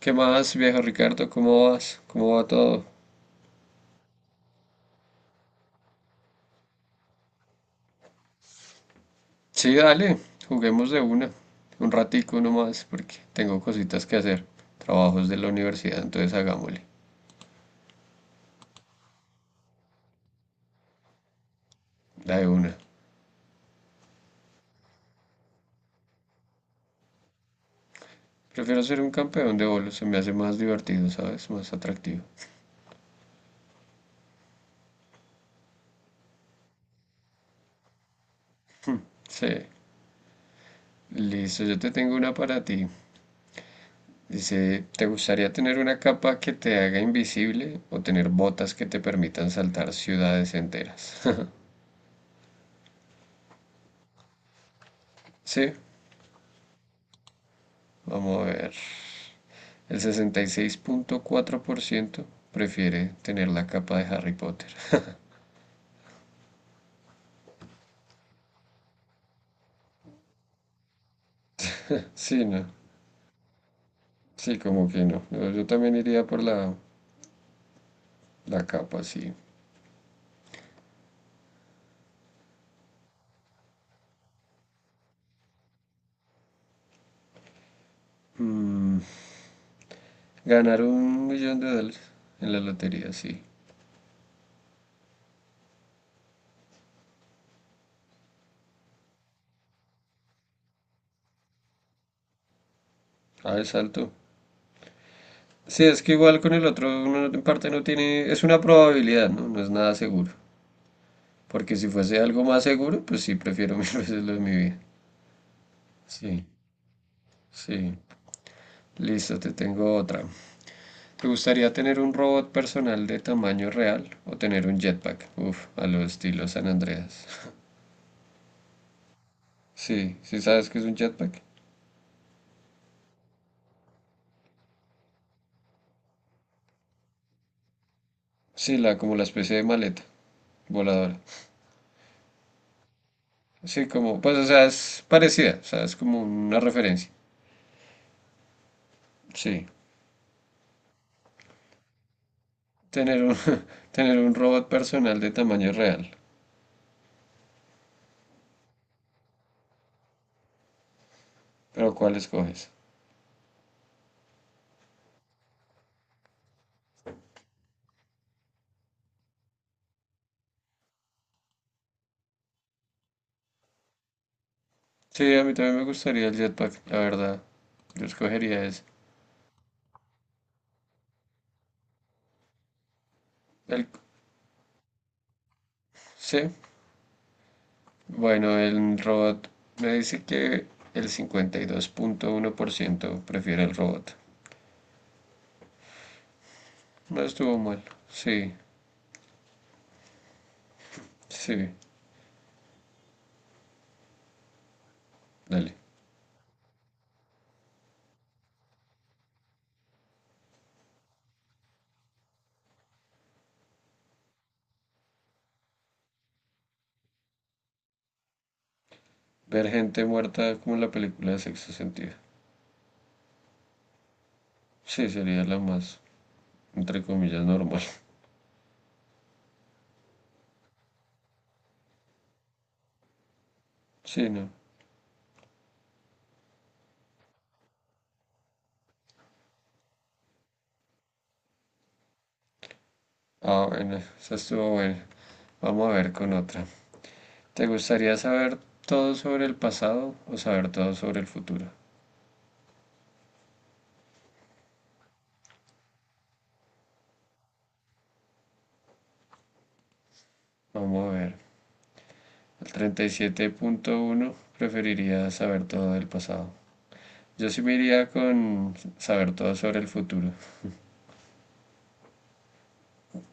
¿Qué más, viejo Ricardo? ¿Cómo vas? ¿Cómo va todo? Sí, dale, juguemos de una, un ratico nomás, porque tengo cositas que hacer, trabajos de la universidad, entonces hagámosle, la de una. Prefiero ser un campeón de bolos, se me hace más divertido, ¿sabes? Más atractivo. Sí, listo, yo te tengo una para ti. Dice, ¿te gustaría tener una capa que te haga invisible o tener botas que te permitan saltar ciudades enteras? Sí, vamos a ver. El sesenta y seis punto cuatro por ciento prefiere tener la capa de Harry Potter. Sí, no. Sí, como que no. Yo también iría por la capa, sí. Mm, Ganar un millón de dólares en la lotería, sí. Ah, es alto. Sí, es que igual con el otro uno en parte no tiene. Es una probabilidad, ¿no? No es nada seguro. Porque si fuese algo más seguro, pues sí, prefiero mil veces lo de mi vida. Sí, sí. Listo, te tengo otra. ¿Te gustaría tener un robot personal de tamaño real o tener un jetpack? Uf, a lo estilo San Andreas. Sí, ¿sí sabes qué es un jetpack? Sí, la, como la especie de maleta voladora. Sí, como, pues, o sea, es parecida, o sea, es como una referencia. Sí, tener un, tener un robot personal de tamaño real. Pero ¿cuál escoges? Sí, a mí también me gustaría el jetpack, la verdad. Yo escogería ese. El, sí, Bueno, el robot me dice que el cincuenta y dos punto uno por ciento prefiere el robot. No estuvo mal. Sí, sí, dale. Ver gente muerta como en la película de Sexto Sentido. Sí, sería la más, entre comillas, normal. Sí, no. Ah, bueno, esa estuvo buena. Vamos a ver con otra. ¿Te gustaría saber todo sobre el pasado o saber todo sobre el futuro? Vamos a ver. El treinta y siete punto uno preferiría saber todo del pasado. Yo sí me iría con saber todo sobre el futuro.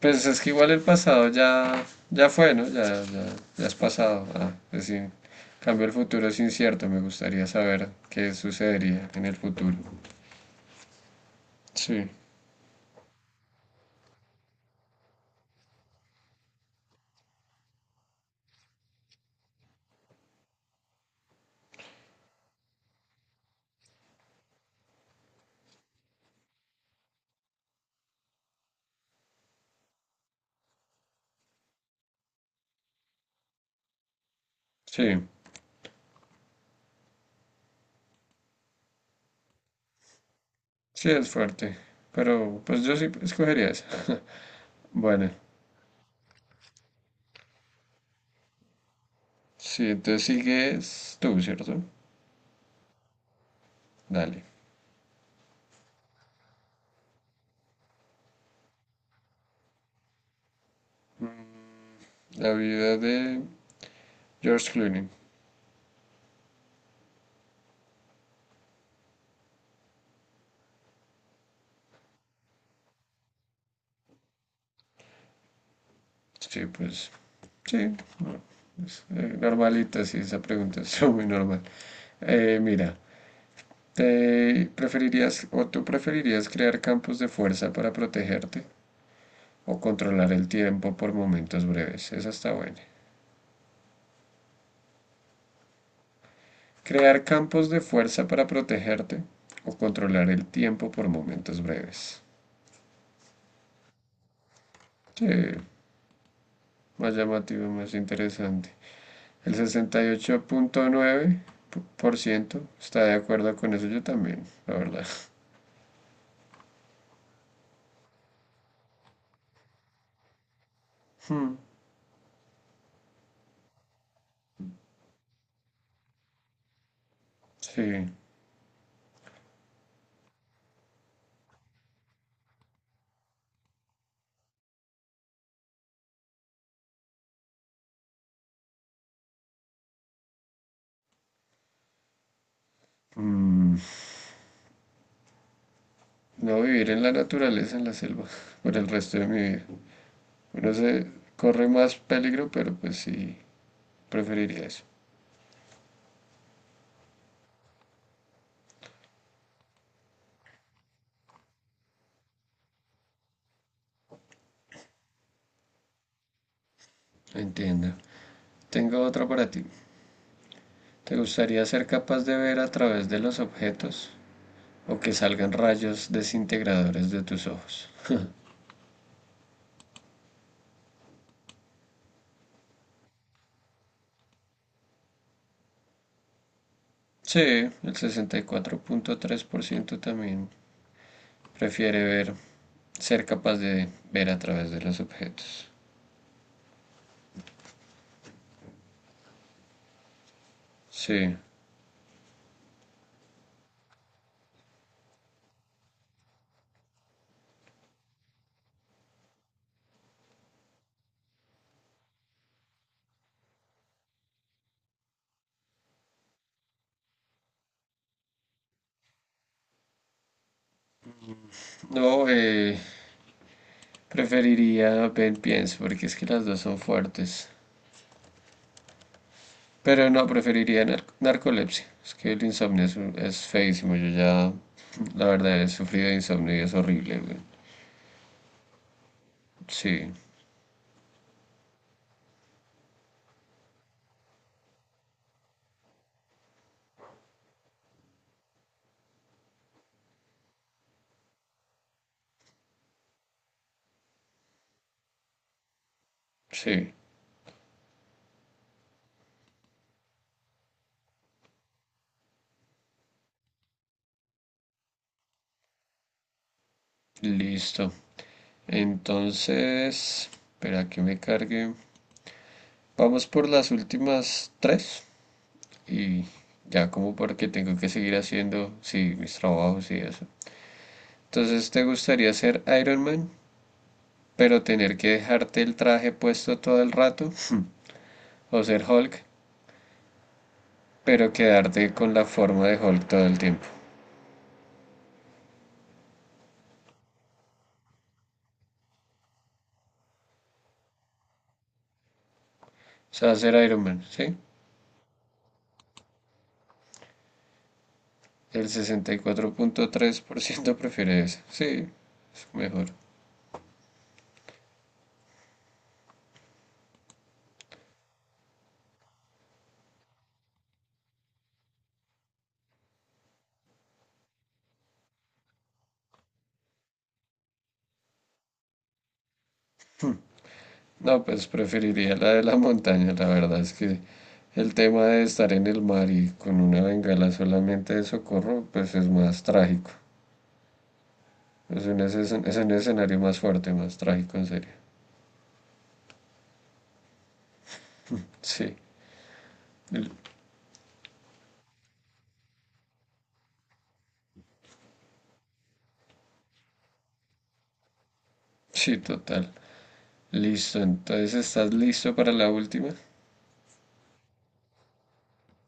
Pues es que igual el pasado ya, ya fue, ¿no? Ya, ya, ya es pasado. Ah, pues sí. En cambio el futuro es incierto. Me gustaría saber qué sucedería en el futuro. Sí, sí, sí es fuerte. Pero pues yo sí escogería esa. Bueno, sí, entonces sigues tú, ¿cierto? Dale. La vida de George Clooney. Sí, pues, sí, no, es normalita, sí, esa pregunta es muy normal. Mira, ¿te preferirías o tú preferirías crear campos de fuerza para protegerte o controlar el tiempo por momentos breves? Esa está buena. ¿Crear campos de fuerza para protegerte o controlar el tiempo por momentos breves? Sí, más llamativo, más interesante. El sesenta y ocho punto nueve por ciento está de acuerdo con eso, yo también, la verdad. Hmm, Sí, no vivir en la naturaleza, en la selva, por el resto de mi vida. Uno se corre más peligro, pero pues sí, preferiría eso. Entiendo. Tengo otra para ti. ¿Te gustaría ser capaz de ver a través de los objetos o que salgan rayos desintegradores de tus ojos? Sí, el sesenta y cuatro punto tres por ciento también prefiere ver, ser capaz de ver a través de los objetos. Sí. No, preferiría Ben Piense porque es que las dos son fuertes. Pero no, preferiría narcolepsia. Es que el insomnio es feísimo. Yo ya, la verdad, he sufrido de insomnio y es horrible, güey. Sí, sí. Listo. Entonces, espera que me cargue. Vamos por las últimas tres. Y ya como porque tengo que seguir haciendo, sí, mis trabajos y eso. Entonces, ¿te gustaría ser Iron Man, pero tener que dejarte el traje puesto todo el rato, o ser Hulk, pero quedarte con la forma de Hulk todo el tiempo? O sea, ser Iron Man, ¿sí? El sesenta y cuatro punto tres por ciento prefiere eso, sí, es mejor. No, pues preferiría la de la montaña, la verdad es que el tema de estar en el mar y con una bengala solamente de socorro, pues es más trágico. Es un escenario más fuerte, más trágico, en serio. Sí, sí, total. Listo, entonces estás listo para la última.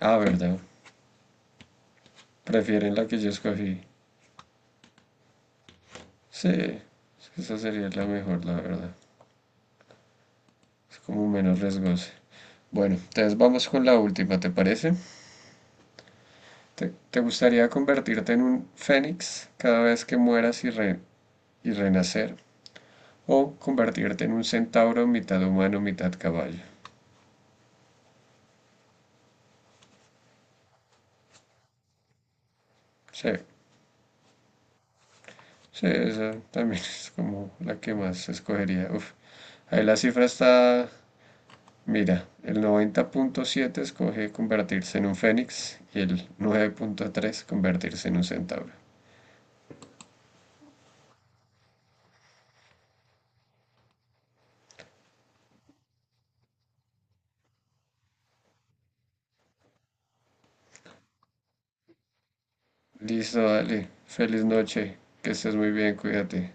Ah, verdad. Prefieren la que yo escogí. Sí, es que esa sería la mejor, la verdad. Es como menos riesgosa. Bueno, entonces vamos con la última, ¿te parece? ¿Te gustaría convertirte en un fénix cada vez que mueras y y renacer? ¿O convertirte en un centauro mitad humano, mitad caballo? Sí, sí, esa también es como la que más escogería. Uf, ahí la cifra está. Mira, el 90.7 escoge convertirse en un fénix y el 9.3 convertirse en un centauro. Listo, dale. Feliz noche. Que estés muy bien, cuídate.